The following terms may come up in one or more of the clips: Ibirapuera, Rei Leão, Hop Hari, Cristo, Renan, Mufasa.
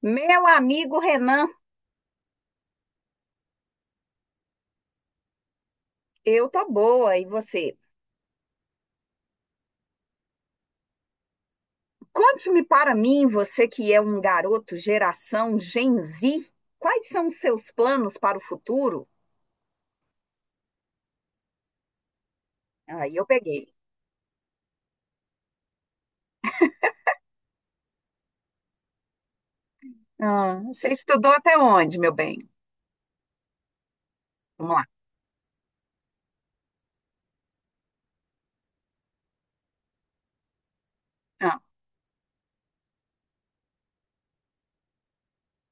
Meu amigo Renan, eu tô boa, e você? Conte-me para mim, você que é um garoto geração Gen Z, quais são os seus planos para o futuro? Aí eu peguei. Ah, você estudou até onde, meu bem? Vamos lá. Ah,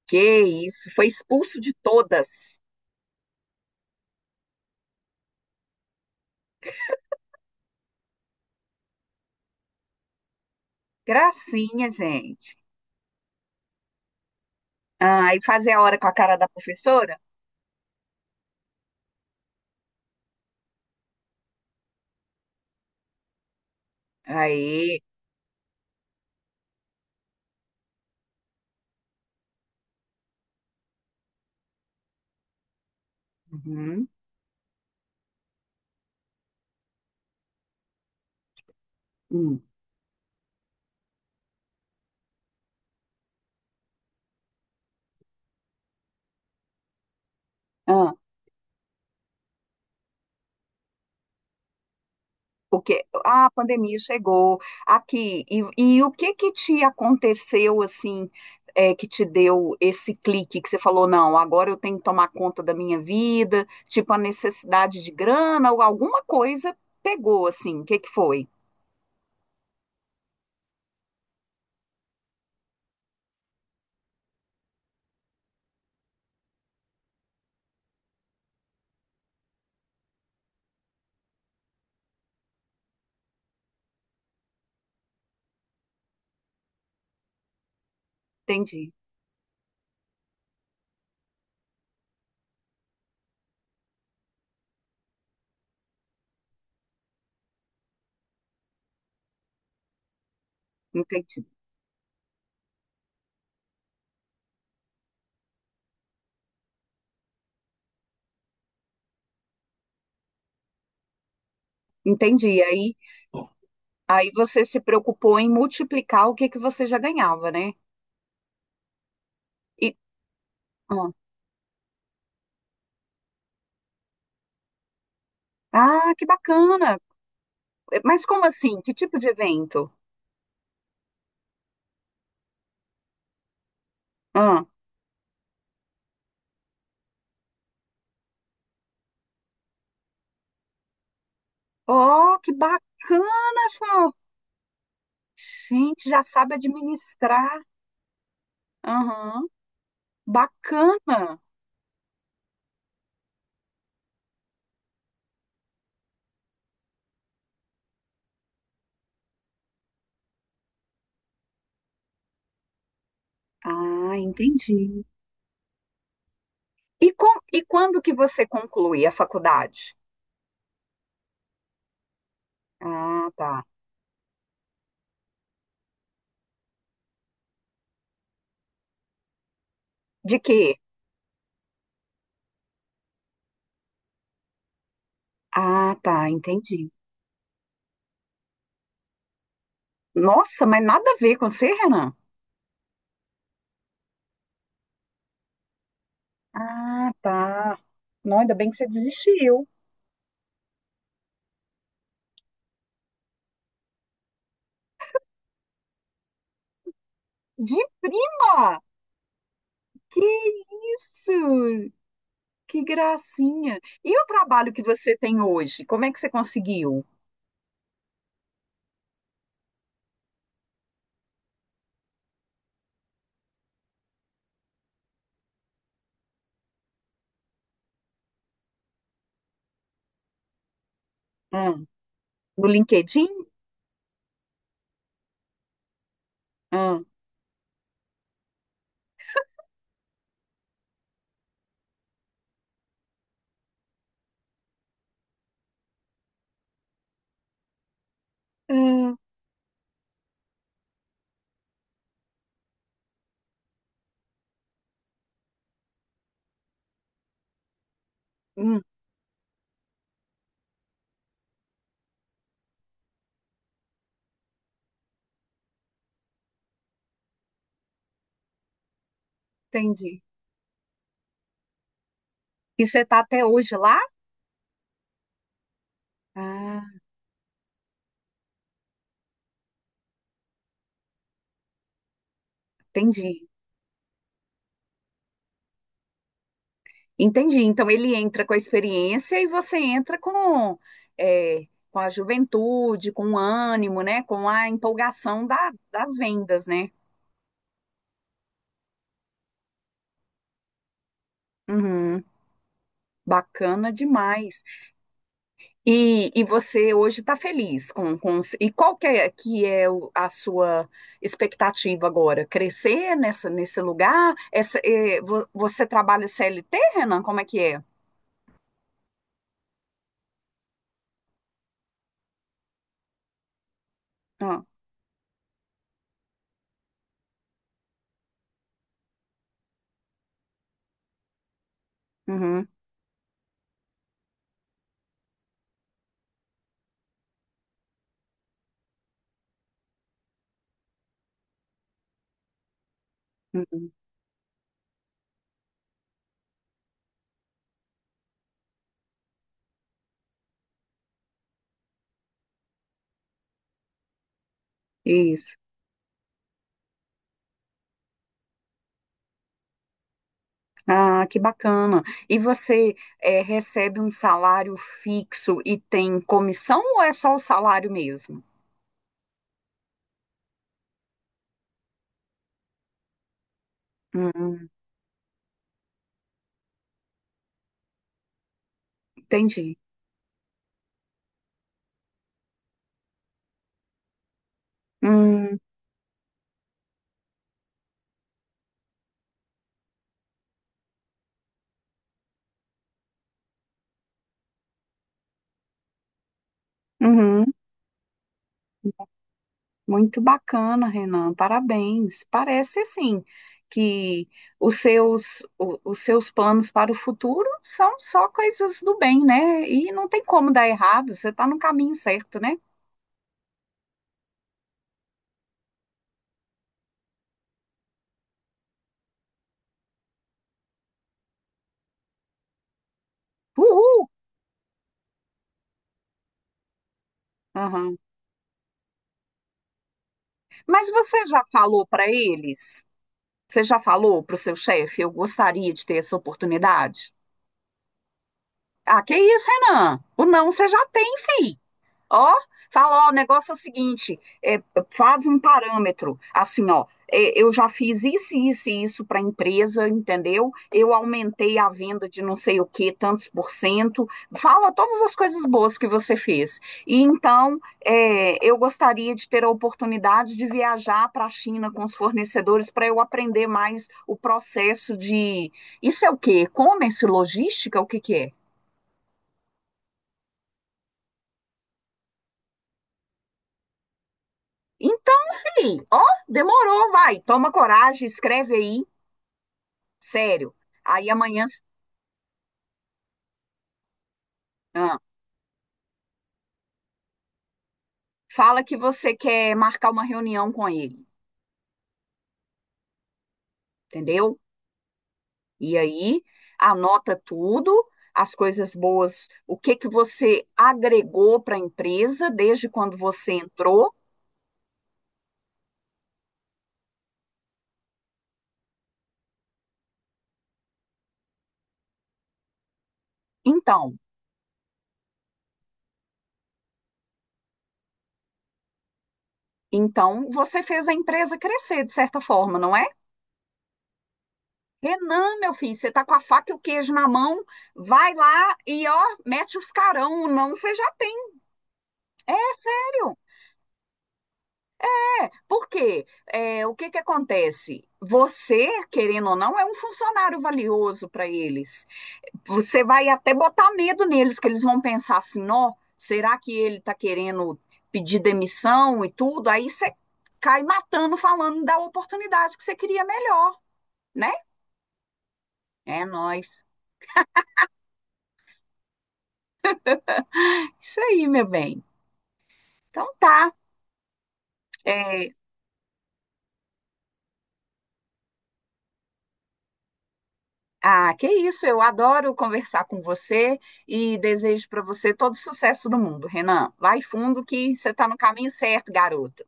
que isso, foi expulso de todas. Gracinha, gente. Ah, e fazer a hora com a cara da professora? Aí. Uhum. Hum. Ah, porque ah, a pandemia chegou aqui. E o que que te aconteceu assim, que te deu esse clique que você falou, não, agora eu tenho que tomar conta da minha vida, tipo a necessidade de grana ou alguma coisa pegou assim. O que que foi? Entendi, entendi. Entendi. Aí, aí você se preocupou em multiplicar o que que você já ganhava, né? E, ah, ah, que bacana. Mas como assim? Que tipo de evento? Ó que bacana, João. Gente, já sabe administrar. Aham, bacana. Ah, entendi. E quando que você conclui a faculdade? Ah, tá. De quê? Ah, tá, entendi. Nossa, mas nada a ver com você, Renan. Ah, tá. Não, ainda bem que você desistiu. De prima? Que isso? Que gracinha. E o trabalho que você tem hoje? Como é que você conseguiu? Ah. No LinkedIn? Ah, ah, hum, entendi. E você está até hoje lá? Ah, entendi. Entendi. Então ele entra com a experiência e você entra com, com a juventude, com o ânimo, né? Com a empolgação das vendas, né? Uhum. Bacana demais. E você hoje está feliz com... E qual que é a sua expectativa agora? Crescer nessa, nesse lugar? Essa, é, você trabalha CLT, Renan? Como é que é? Ah, uhum, uhum, isso. Ah, que bacana. E você é, recebe um salário fixo e tem comissão ou é só o salário mesmo? Hum, entendi. Hum, uhum. Muito bacana, Renan. Parabéns. Parece assim que os seus planos para o futuro são só coisas do bem, né? E não tem como dar errado, você está no caminho certo, né? Uhul! Aham. Mas você já falou para eles? Você já falou para o seu chefe? Eu gostaria de ter essa oportunidade. Ah, que isso, Renan? O não você já tem, fi. Ó, fala, ó, o negócio é o seguinte, é, faz um parâmetro, assim, ó, é, eu já fiz isso, isso e isso para a empresa, entendeu? Eu aumentei a venda de não sei o que, tantos por cento, fala todas as coisas boas que você fez. E então, é, eu gostaria de ter a oportunidade de viajar para a China com os fornecedores para eu aprender mais o processo de, isso é o quê? E-commerce, logística, o que que é? Então, filho, ó, demorou, vai. Toma coragem, escreve aí, sério. Aí amanhã ah, fala que você quer marcar uma reunião com ele, entendeu? E aí anota tudo, as coisas boas, o que que você agregou para a empresa desde quando você entrou. Então, então você fez a empresa crescer de certa forma, não é? Renan, meu filho, você tá com a faca e o queijo na mão, vai lá e ó, mete os carão, não você já tem é sério. É. Por quê? É, o que que acontece? Você, querendo ou não, é um funcionário valioso para eles. Você vai até botar medo neles, que eles vão pensar assim, ó, será que ele está querendo pedir demissão e tudo? Aí você cai matando, falando da oportunidade que você queria melhor, né? É nóis. Isso aí, meu bem. Então tá. É, ah, que isso, eu adoro conversar com você e desejo para você todo o sucesso do mundo, Renan. Vai fundo que você está no caminho certo, garoto.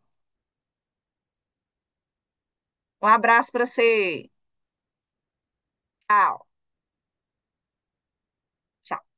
Um abraço para você. Tchau.